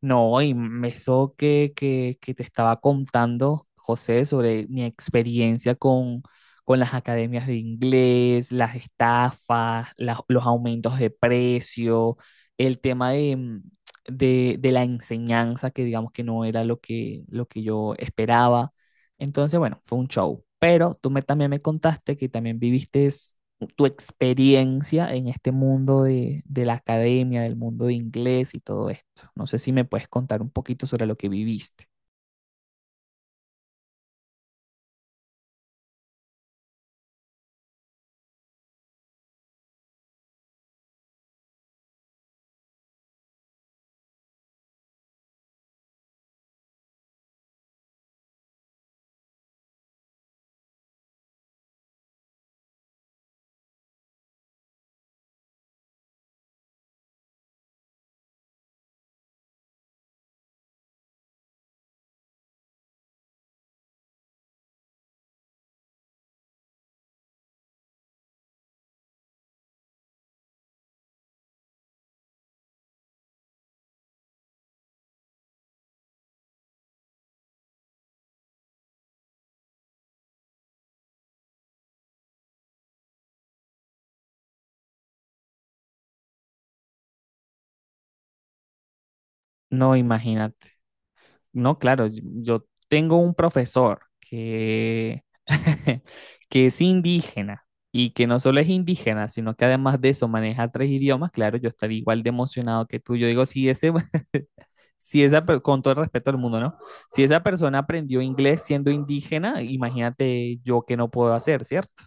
No, y eso que te estaba contando, José, sobre mi experiencia con las academias de inglés, las estafas, los aumentos de precio, el tema de la enseñanza, que digamos que no era lo lo que yo esperaba. Entonces, bueno, fue un show. Pero también me contaste que también viviste tu experiencia en este mundo la academia, del mundo de inglés y todo esto. No sé si me puedes contar un poquito sobre lo que viviste. No, imagínate. No, claro, yo tengo un profesor que, que es indígena y que no solo es indígena, sino que además de eso maneja tres idiomas. Claro, yo estaría igual de emocionado que tú. Yo digo, si ese, si esa, con todo el respeto al mundo, ¿no? Si esa persona aprendió inglés siendo indígena, imagínate yo que no puedo hacer, ¿cierto?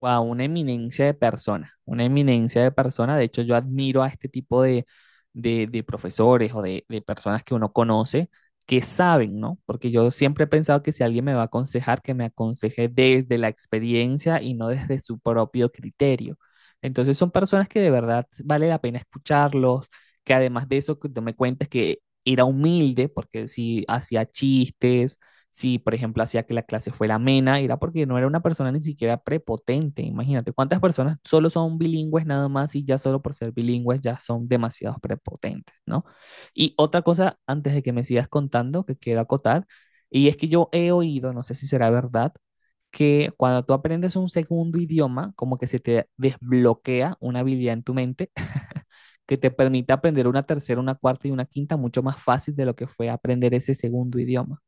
Wow, una eminencia de persona, una eminencia de persona. De hecho, yo admiro a este tipo de profesores o de personas que uno conoce que saben, ¿no? Porque yo siempre he pensado que si alguien me va a aconsejar, que me aconseje desde la experiencia y no desde su propio criterio. Entonces son personas que de verdad vale la pena escucharlos, que además de eso, que tú me cuentas que era humilde, porque si hacía chistes, si, por ejemplo, hacía que la clase fuera amena, era porque no era una persona ni siquiera prepotente. Imagínate cuántas personas solo son bilingües nada más y ya solo por ser bilingües ya son demasiados prepotentes, ¿no? Y otra cosa, antes de que me sigas contando, que quiero acotar, y es que yo he oído, no sé si será verdad, que cuando tú aprendes un segundo idioma, como que se te desbloquea una habilidad en tu mente que te permite aprender una tercera, una cuarta y una quinta mucho más fácil de lo que fue aprender ese segundo idioma.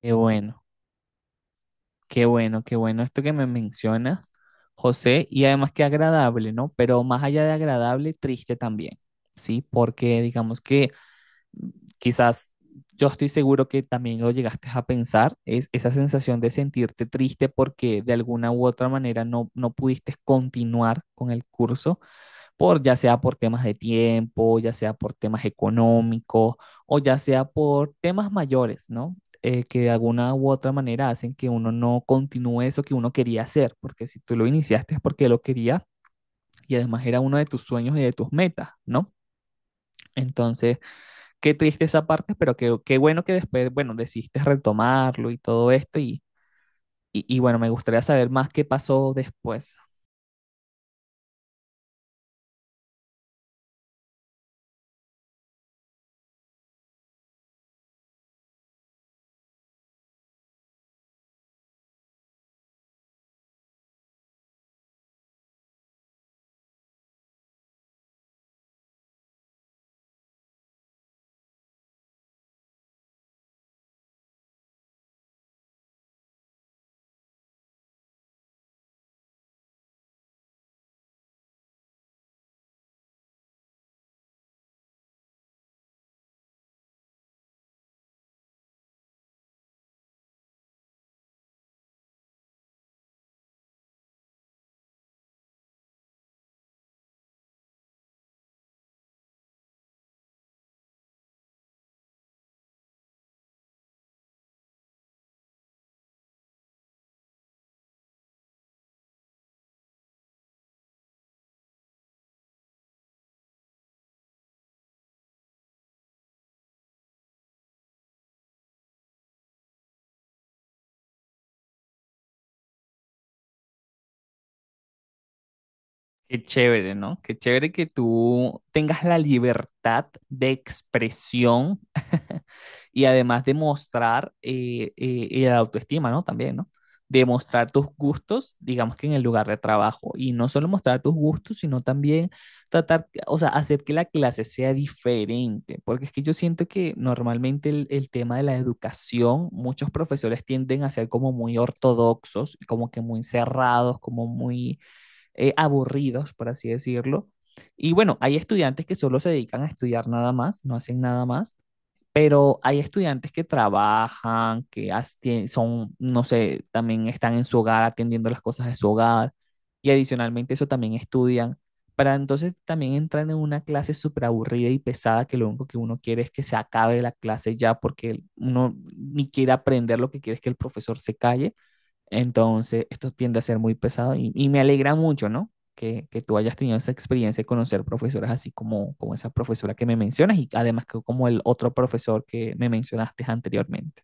Qué bueno. Qué bueno, qué bueno esto que me mencionas, José, y además qué agradable, ¿no? Pero más allá de agradable, triste también, ¿sí? Porque digamos que quizás yo estoy seguro que también lo llegaste a pensar, es esa sensación de sentirte triste porque de alguna u otra manera no pudiste continuar con el curso por ya sea por temas de tiempo, ya sea por temas económicos o ya sea por temas mayores, ¿no? Que de alguna u otra manera hacen que uno no continúe eso que uno quería hacer, porque si tú lo iniciaste es porque lo quería y además era uno de tus sueños y de tus metas, ¿no? Entonces, qué triste esa parte, pero qué, qué bueno que después, bueno, decidiste retomarlo y todo esto y bueno, me gustaría saber más qué pasó después. Qué chévere, ¿no? Qué chévere que tú tengas la libertad de expresión y además de mostrar y la autoestima, ¿no? También, ¿no? De mostrar tus gustos, digamos que en el lugar de trabajo. Y no solo mostrar tus gustos, sino también tratar, o sea, hacer que la clase sea diferente. Porque es que yo siento que normalmente el tema de la educación, muchos profesores tienden a ser como muy ortodoxos, como que muy cerrados, como muy aburridos, por así decirlo. Y bueno, hay estudiantes que solo se dedican a estudiar nada más, no hacen nada más, pero hay estudiantes que trabajan, que son, no sé, también están en su hogar atendiendo las cosas de su hogar y adicionalmente eso también estudian. Para entonces también entran en una clase súper aburrida y pesada que lo único que uno quiere es que se acabe la clase ya porque uno ni quiere aprender lo que quiere es que el profesor se calle. Entonces, esto tiende a ser muy pesado y me alegra mucho, ¿no? Que tú hayas tenido esa experiencia de conocer profesoras así como esa profesora que me mencionas y además que como el otro profesor que me mencionaste anteriormente.